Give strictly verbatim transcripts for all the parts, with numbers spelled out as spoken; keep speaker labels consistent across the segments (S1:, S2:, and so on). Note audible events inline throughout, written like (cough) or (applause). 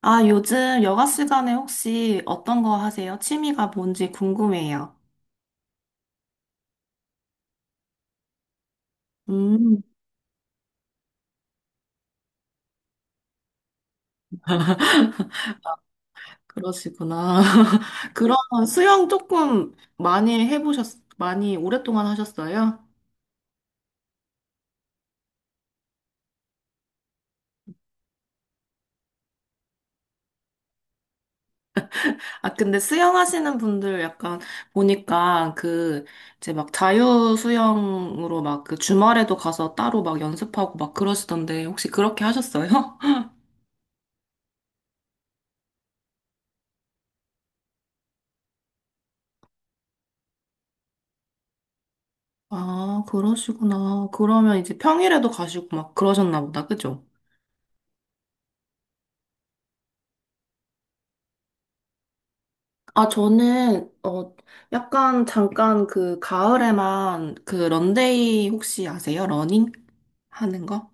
S1: 아, 요즘 여가 시간에 혹시 어떤 거 하세요? 취미가 뭔지 궁금해요. 음, 그러시구나. (laughs) 그럼 수영 조금 많이 해보셨, 많이 오랫동안 하셨어요? 아, 근데 수영하시는 분들 약간 보니까 그, 이제 막 자유 수영으로 막 그 주말에도 가서 따로 막 연습하고 막 그러시던데 혹시 그렇게 하셨어요? (laughs) 아, 그러시구나. 그러면 이제 평일에도 가시고 막 그러셨나 보다, 그죠? 아, 저는, 어, 약간 잠깐 그 가을에만 그 런데이 혹시 아세요? 러닝 하는 거?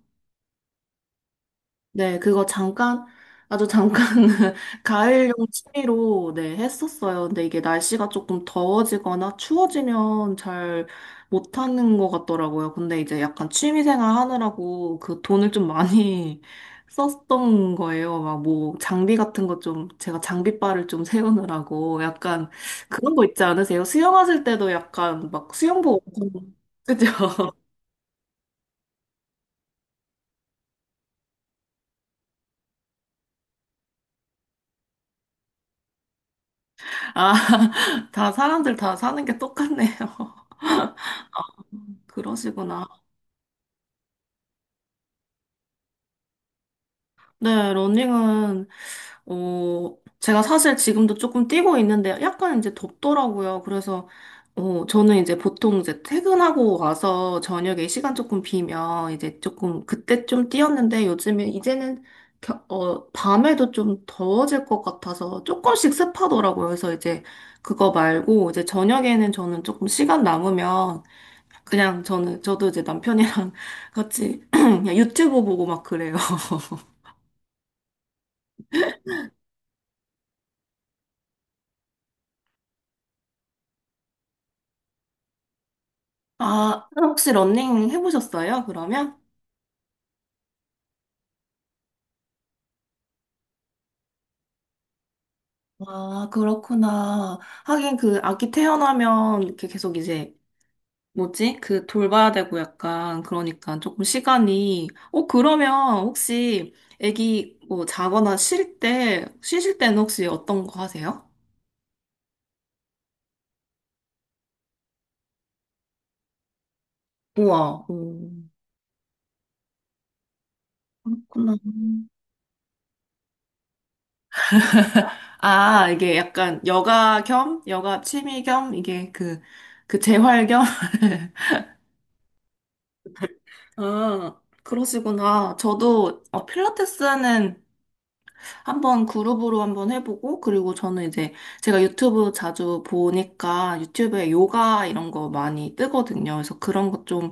S1: 네, 그거 잠깐, 아주 잠깐 (laughs) 가을용 취미로 네, 했었어요. 근데 이게 날씨가 조금 더워지거나 추워지면 잘 못하는 것 같더라고요. 근데 이제 약간 취미 생활 하느라고 그 돈을 좀 많이 (laughs) 썼던 거예요. 막 뭐 장비 같은 거 좀, 제가 장비빨을 좀 세우느라고 약간 그런 거 있지 않으세요? 수영하실 때도 약간 막 수영복 엄청, (laughs) 그죠? (laughs) 아, 다 사람들 다 사는 게 똑같네요. (laughs) 그러시구나. 네, 러닝은, 어, 제가 사실 지금도 조금 뛰고 있는데 약간 이제 덥더라고요. 그래서, 어, 저는 이제 보통 이제 퇴근하고 와서 저녁에 시간 조금 비면 이제 조금 그때 좀 뛰었는데 요즘에 이제는 겨- 어, 밤에도 좀 더워질 것 같아서 조금씩 습하더라고요. 그래서 이제 그거 말고 이제 저녁에는 저는 조금 시간 남으면 그냥 저는, 저도 이제 남편이랑 (laughs) 같이 (clears throat) 그냥 유튜브 보고 막 그래요. (laughs) 아, 혹시 러닝 해보셨어요, 그러면? 아, 그렇구나. 하긴 그 아기 태어나면 이렇게 계속 이제, 뭐지? 그 돌봐야 되고 약간, 그러니까 조금 시간이. 어, 그러면 혹시 아기 뭐 자거나 쉴 때, 쉬실 때는 혹시 어떤 거 하세요? 우와. 음. 그렇구나. (laughs) 아, 이게 약간 여가 겸, 여가 취미 겸, 이게 그, 그 재활 겸? (laughs) 음, 그러시구나. 저도 어, 필라테스는 한번 그룹으로 한번 해보고, 그리고 저는 이제 제가 유튜브 자주 보니까 유튜브에 요가 이런 거 많이 뜨거든요. 그래서 그런 것 좀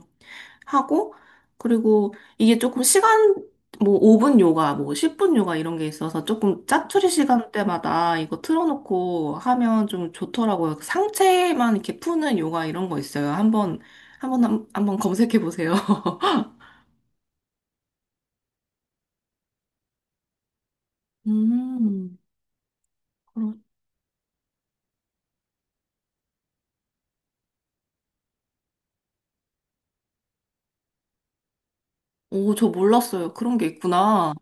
S1: 하고, 그리고 이게 조금 시간, 뭐 오 분 요가, 뭐 십 분 요가 이런 게 있어서 조금 짜투리 시간대마다 이거 틀어놓고 하면 좀 좋더라고요. 상체만 이렇게 푸는 요가 이런 거 있어요. 한번, 한번, 한번 검색해 보세요. (laughs) 음, 그럼, 오, 저 몰랐어요. 그런 게 있구나.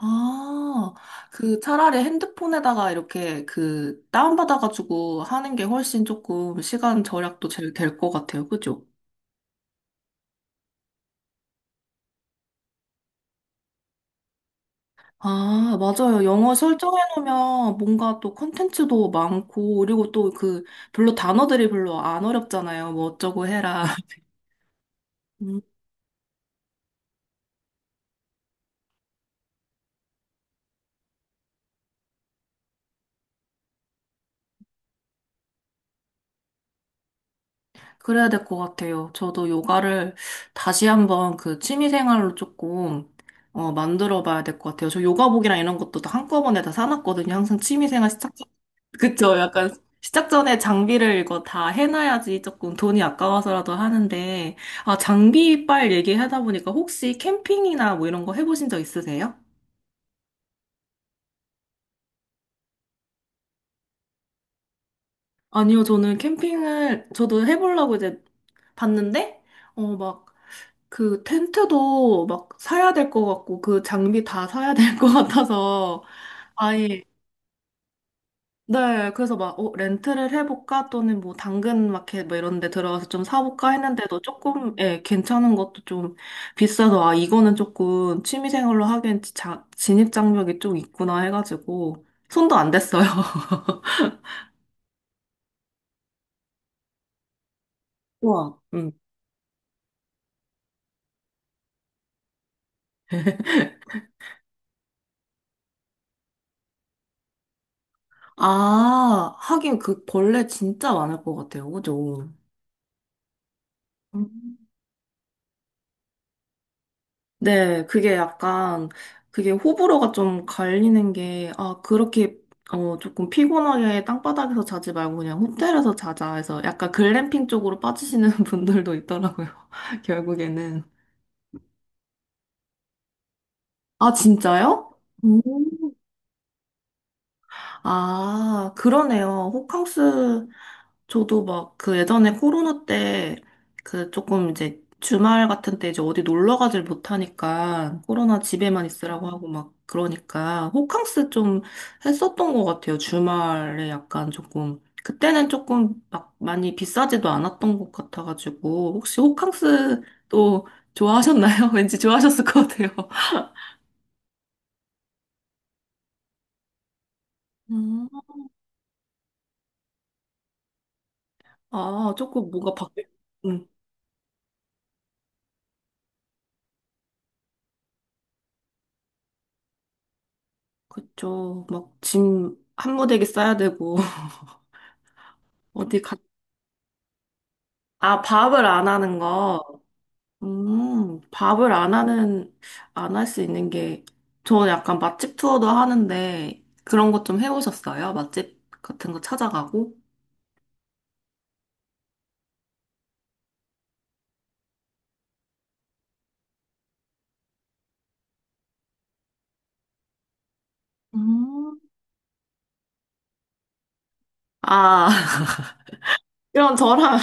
S1: 아, 그 차라리 핸드폰에다가 이렇게 그 다운받아가지고 하는 게 훨씬 조금 시간 절약도 제일 될 것 같아요. 그죠? 아, 맞아요. 영어 설정해놓으면 뭔가 또 컨텐츠도 많고, 그리고 또 그 별로 단어들이 별로 안 어렵잖아요. 뭐 어쩌고 해라. (laughs) 그래야 될 것 같아요. 저도 요가를 다시 한번 그 취미생활로 조금 어, 만들어 봐야 될 것 같아요. 저 요가복이랑 이런 것도 다 한꺼번에 다 사놨거든요. 항상 취미생활 시작, 전- (laughs) 그쵸? 약간 시작 전에 장비를 이거 다 해놔야지 조금 돈이 아까워서라도 하는데, 아, 장비빨 얘기하다 보니까 혹시 캠핑이나 뭐 이런 거 해보신 적 있으세요? 아니요, 저는 캠핑을 저도 해보려고 이제 봤는데, 어, 막 그 텐트도 막 사야 될 것 같고 그 장비 다 사야 될 것 같아서 아예 네 그래서 막 어, 렌트를 해볼까 또는 뭐 당근 마켓 뭐 이런 데 들어가서 좀 사볼까 했는데도 조금 예 괜찮은 것도 좀 비싸서 아 이거는 조금 취미생활로 하기엔 자, 진입 장벽이 좀 있구나 해가지고 손도 안 댔어요. (laughs) 우와. 음. 아, 하긴 그 벌레 진짜 많을 것 같아요. 그죠? 음. 네, 그게 약간, 그게 호불호가 좀 갈리는 게, 아, 그렇게, 어, 조금 피곤하게 땅바닥에서 자지 말고 그냥 호텔에서 자자 해서 약간 글램핑 쪽으로 빠지시는 (laughs) 분들도 있더라고요, (laughs) 결국에는. 아, 진짜요? 음. 아, 그러네요. 호캉스 저도 막 그 예전에 코로나 때 그 조금 이제 주말 같은 때 이제 어디 놀러 가질 못하니까 코로나 집에만 있으라고 하고 막 그러니까 호캉스 좀 했었던 것 같아요. 주말에 약간 조금 그때는 조금 막 많이 비싸지도 않았던 것 같아가지고 혹시 호캉스 또 좋아하셨나요? (laughs) 왠지 좋아하셨을 것 같아요. 음, 아, 조금 뭔가 바뀌, 응, 그쵸. 막 짐 한 무더기 싸야 되고 (laughs) 어디 가 아, 밥을 안 하는 거. 음, 밥을 안 하는, 안 할 수 있는 게, 저 약간 맛집 투어도 하는데, 그런 것 좀 해보셨어요? 맛집 같은 거 찾아가고? 음. 아, (laughs) 이런 저랑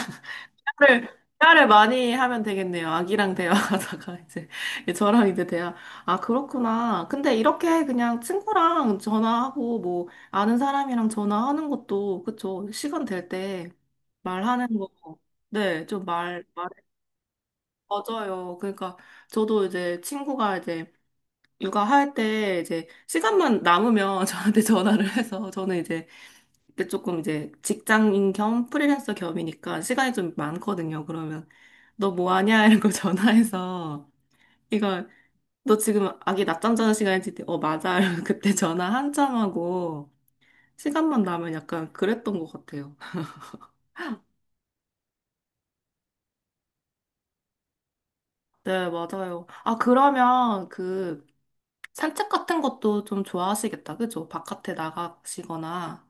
S1: 대화를, 대화를 많이 하면 되겠네요. 아기랑 대화하다가 (laughs) 이제 저랑 이제 대화. 아, 그렇구나. 근데 이렇게 그냥 친구랑 전화하고 뭐 아는 사람이랑 전화하는 것도 그쵸. 시간 될 때 말하는 거. 네, 좀 말, 말에 맞아요. 그러니까 저도 이제 친구가 이제 육아할 때 이제 시간만 남으면 (laughs) 저한테 전화를 해서 저는 이제 근데 조금 이제 직장인 겸 프리랜서 겸이니까 시간이 좀 많거든요. 그러면 너 뭐 하냐? 이런 거 (laughs) 전화해서 이거 너 지금 아기 낮잠 자는 시간이지? 어, 맞아. 이러면 (laughs) 그때 전화 한참 하고 시간만 나면 약간 그랬던 것 같아요. 네, 맞아요. 아, 그러면 그 산책 같은 것도 좀 좋아하시겠다. 그죠? 바깥에 나가시거나.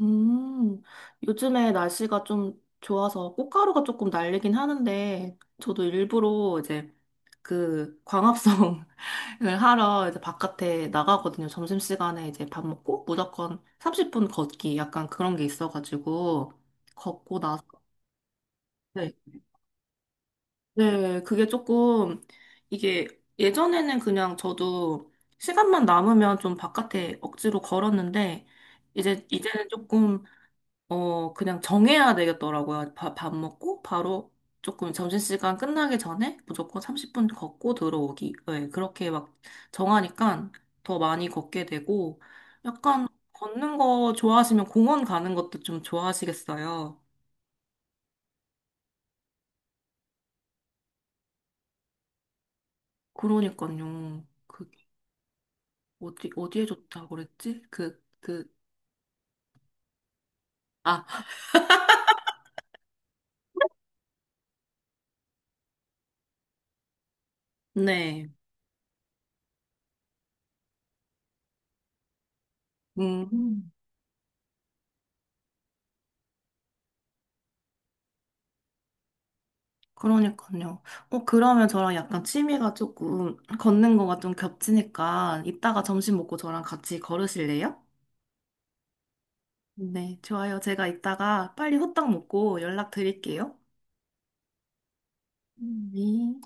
S1: 음, 요즘에 날씨가 좀 좋아서 꽃가루가 조금 날리긴 하는데 저도 일부러 이제 그 광합성을 (laughs) 하러 이제 바깥에 나가거든요. 점심시간에 이제 밥 먹고 무조건 삼십 분 걷기 약간 그런 게 있어가지고 걷고 나서 네. 네, 그게 조금 이게 예전에는 그냥 저도 시간만 남으면 좀 바깥에 억지로 걸었는데 이제 이제는 조금 어, 그냥 정해야 되겠더라고요. 바- 밥 먹고 바로 조금 점심시간 끝나기 전에 무조건 삼십 분 걷고 들어오기. 네, 그렇게 막 정하니까 더 많이 걷게 되고 약간 걷는 거 좋아하시면 공원 가는 것도 좀 좋아하시겠어요. 그러니까요. 그 어디 어디에 좋다고 그랬지? 그 그 아, 네. 음. 그러니까요. 어, 그러면 저랑 약간 취미가 조금 걷는 거가 좀 겹치니까 이따가 점심 먹고 저랑 같이 걸으실래요? 네, 좋아요. 제가 이따가 빨리 호떡 먹고 연락 드릴게요. 음, 네.